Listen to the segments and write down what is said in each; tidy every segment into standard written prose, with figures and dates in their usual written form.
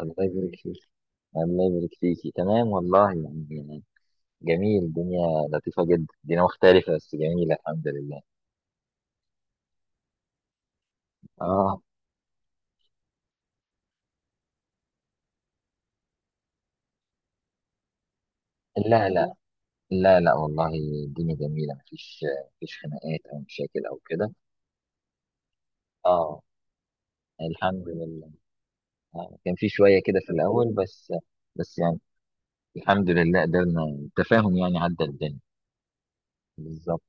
الله يبارك فيك. الله يبارك فيكي، تمام والله. يعني جميل الدنيا. لطيفة جدا الدنيا، مختلفة بس جميلة الحمد لله. اه، لا لا، لا لا والله. الدنيا جميلة. مفيش خناقات أو مشاكل أو كده. اه الحمد لله. آه. كان في شوية كده في الأول بس. بس يعني الحمد لله قدرنا التفاهم، يعني عدى الدنيا. بالظبط.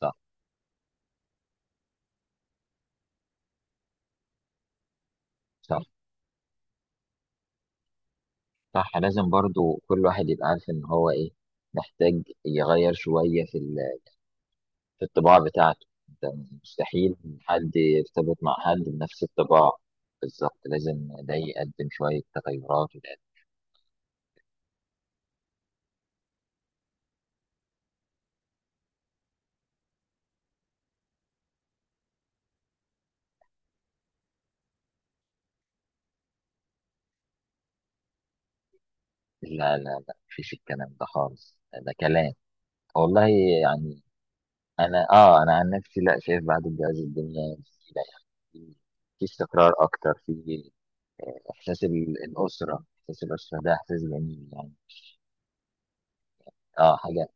صح صح صح. لازم برضو كل واحد يبقى عارف إن هو إيه محتاج يغير شوية في الطباع بتاعته. انت مستحيل حد يرتبط مع حد بنفس الطباع. بالظبط، لازم ده يقدم شوية تغيرات لا لا لا، مفيش الكلام ده خالص. ده كلام والله، يعني أنا عن نفسي، لا شايف بعد الجواز الدنيا جميلة. يعني في استقرار أكتر، في إحساس الأسرة ده إحساس جميل يعني. آه حاجة.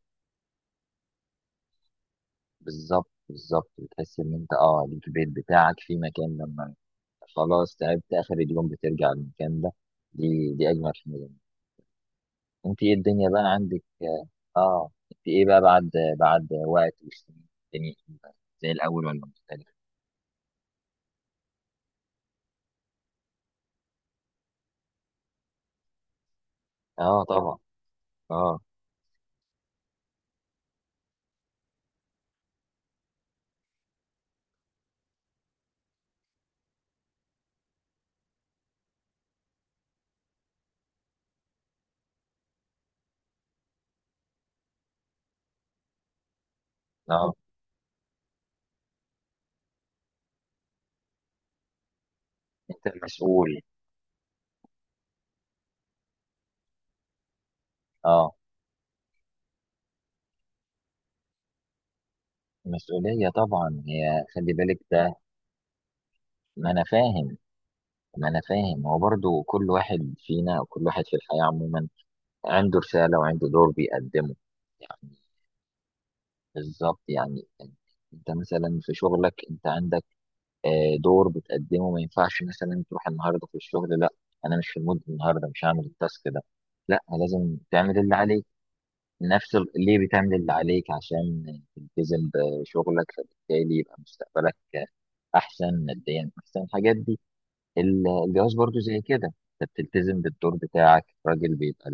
بالظبط، بتحس ان انت ليك البيت بتاعك في مكان لما خلاص تعبت اخر اليوم بترجع المكان ده. دي اجمل حاجه. انت ايه الدنيا بقى عندك؟ اه، انت ايه بقى بعد وقت والسنين؟ الدنيا زي الاول ولا مختلف؟ اه طبعا. اه اه. انت مسؤول. اه مسؤوليه طبعا، هي خلي بالك ده. ما انا فاهم ما انا فاهم هو برضو، كل واحد فينا وكل واحد في الحياه عموما عنده رسالة وعنده دور بيقدمه يعني. بالظبط يعني. انت مثلا في شغلك انت عندك دور بتقدمه. ما ينفعش مثلا تروح النهارده في الشغل، لا انا مش في المود النهارده، مش هعمل التاسك ده. لا لازم تعمل اللي عليك. ليه بتعمل اللي عليك؟ عشان تلتزم بشغلك، فبالتالي يبقى مستقبلك احسن ماديا، احسن الحاجات دي. الجواز برضو زي كده. انت بتلتزم بالدور بتاعك. الراجل بيبقى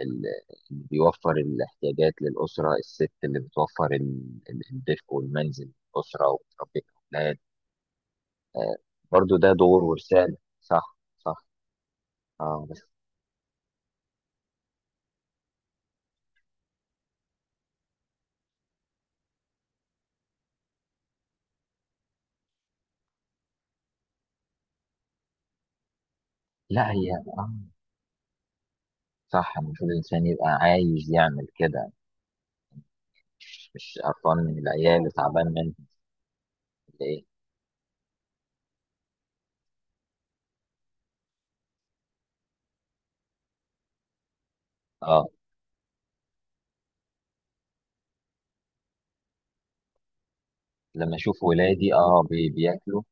اللي بيوفر الاحتياجات للأسرة، الست اللي بتوفر الدفء والمنزل للأسرة وبتربي الأولاد. آه، برضو ده دور ورسالة. صح صح. اه بس. لا هي اه. صح، المفروض الإنسان يبقى عايز يعمل كده. مش قرفان من العيال وتعبان منهم ولا إيه. اه لما أشوف ولادي، بياكلوا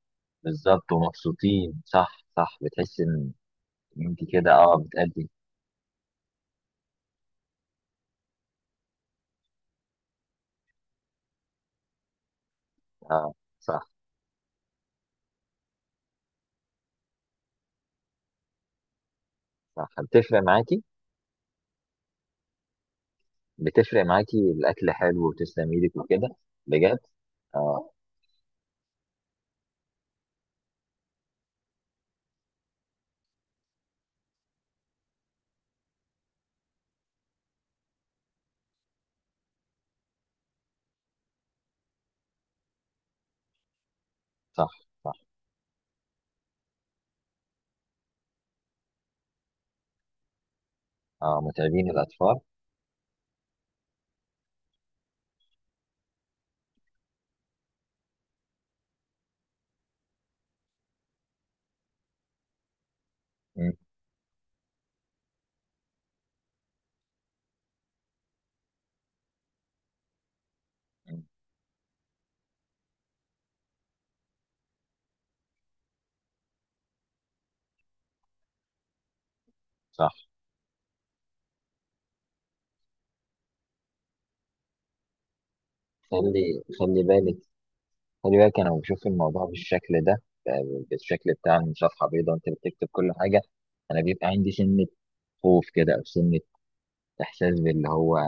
بالظبط ومبسوطين. صح صح بتحس إن أنت كده، اه بتأدي. اه صح صح. بتفرق معاكي الاكل حلو وتسلم ايدك وكده، بجد. اه صح صح. اه متعبين الاطفال. مم، مم، صح. خلي خلي بالك خلي بالك. انا بشوف الموضوع بالشكل ده، بالشكل بتاع إن صفحه بيضاء انت بتكتب كل حاجه. انا بيبقى عندي سنه خوف كده، او سنه احساس باللي هو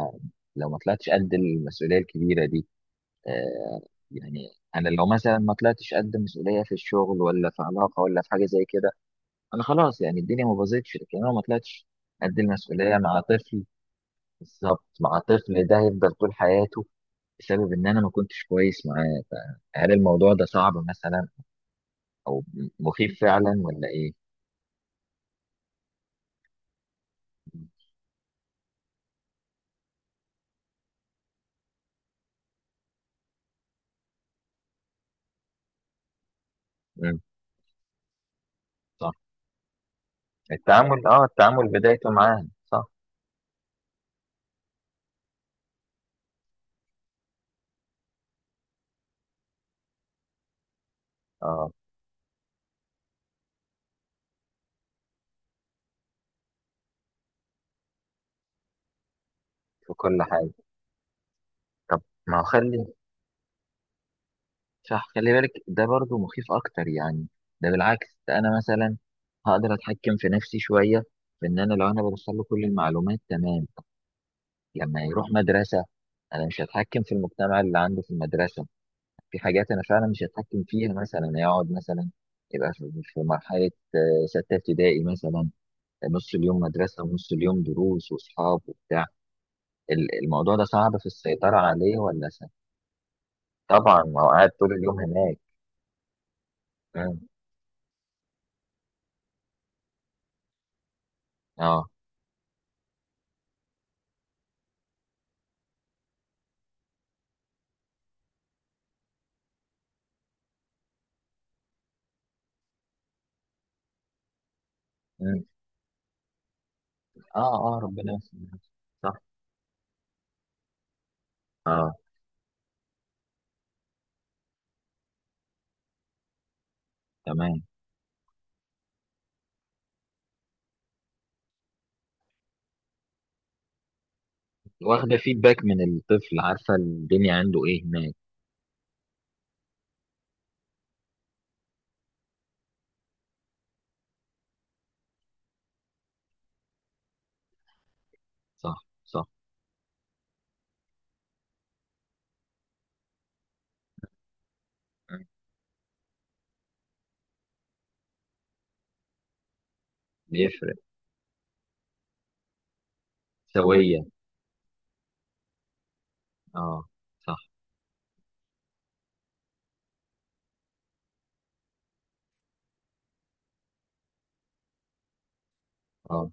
لو ما طلعتش قد المسؤوليه الكبيره دي. آه يعني انا لو مثلا ما طلعتش قد مسؤوليه في الشغل ولا في علاقه ولا في حاجه زي كده، انا خلاص يعني الدنيا ما باظتش. لكن انا ما طلعتش قد المسؤوليه مع طفل. بالظبط، مع طفل ده هيفضل طول حياته بسبب ان انا ما كنتش كويس معاه. هل الموضوع ده صعب مثلا او مخيف فعلا ولا ايه؟ امم صح. التعامل بدايته معاه. صح. اه في كل حاجه. طب ما هو خلي. صح، خلي بالك ده برضو مخيف اكتر يعني. ده بالعكس، ده انا مثلا هقدر اتحكم في نفسي شويه، في ان انا لو انا بدخل له كل المعلومات تمام. لما يروح مدرسة أنا مش هتحكم في المجتمع اللي عنده في المدرسة. في حاجات أنا فعلا مش هتحكم فيها. مثلا يقعد مثلا يبقى في مرحلة ستة ابتدائي مثلا، نص اليوم مدرسة ونص اليوم دروس وأصحاب وبتاع. الموضوع ده صعب في السيطرة عليه ولا سهل؟ طبعا، ما هو قاعد طول اليوم هناك. مم. اه. مم. اه اه ربنا يسلمك. صح. اه تمام، واخدة فيدباك من الطفل، عارفة الدنيا عنده ايه هناك. صح صح. مم. بيفرق سوية. اه صح. اه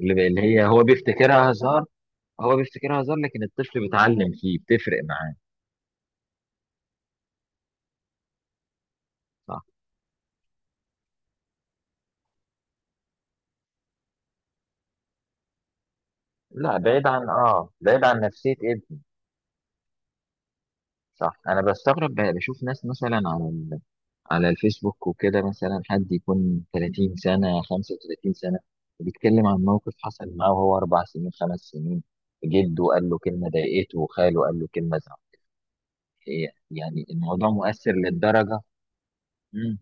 اللي هي هو بيفتكرها هزار. هو بيفتكرها هزار لكن الطفل بيتعلم فيه، بتفرق معاه. صح، لا بعيد عن، بعيد عن نفسية ابني. صح. انا بستغرب، بشوف ناس مثلا على على الفيسبوك وكده، مثلا حد يكون 30 سنة، 35 سنة، بيتكلم عن موقف حصل معاه وهو اربع سنين خمس سنين. جده قال له كلمة ضايقته، وخاله قال له كلمة زعل. يعني الموضوع مؤثر للدرجة؟ مم.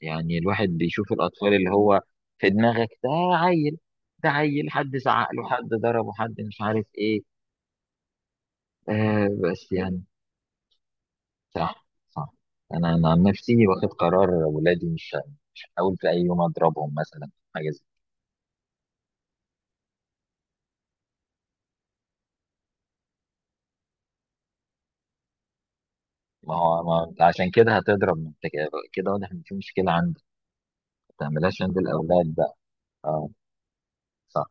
يعني الواحد بيشوف الأطفال اللي هو في دماغك ده عيل. ده عيل، حد زعق له، حد ضربه، حد مش عارف إيه. بس يعني. صح صح. أنا عن نفسي واخد قرار ولادي مش هحاول في أي يوم أضربهم مثلا، حاجة زي. ما هو، ما أنت عشان كده هتضرب. ما أنت كده كده واضح إن في مشكلة عندك. ما تعملهاش عند الأولاد بقى. أه صح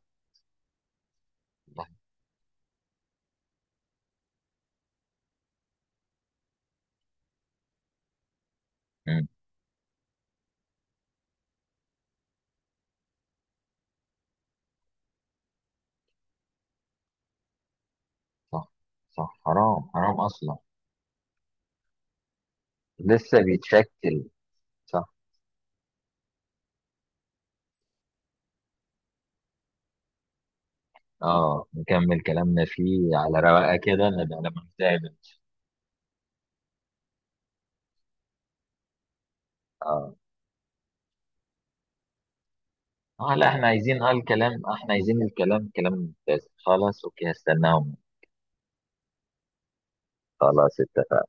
صح. مم، صح صح. حرام حرام أصلا. لسه بيتشكل. صح اه نكمل كلامنا فيه على رواقه كده، نبقى لما نتقابل. اه اه، لا احنا عايزين، الكلام احنا عايزين الكلام كلام ممتاز. خلاص اوكي، هستناهم. خلاص.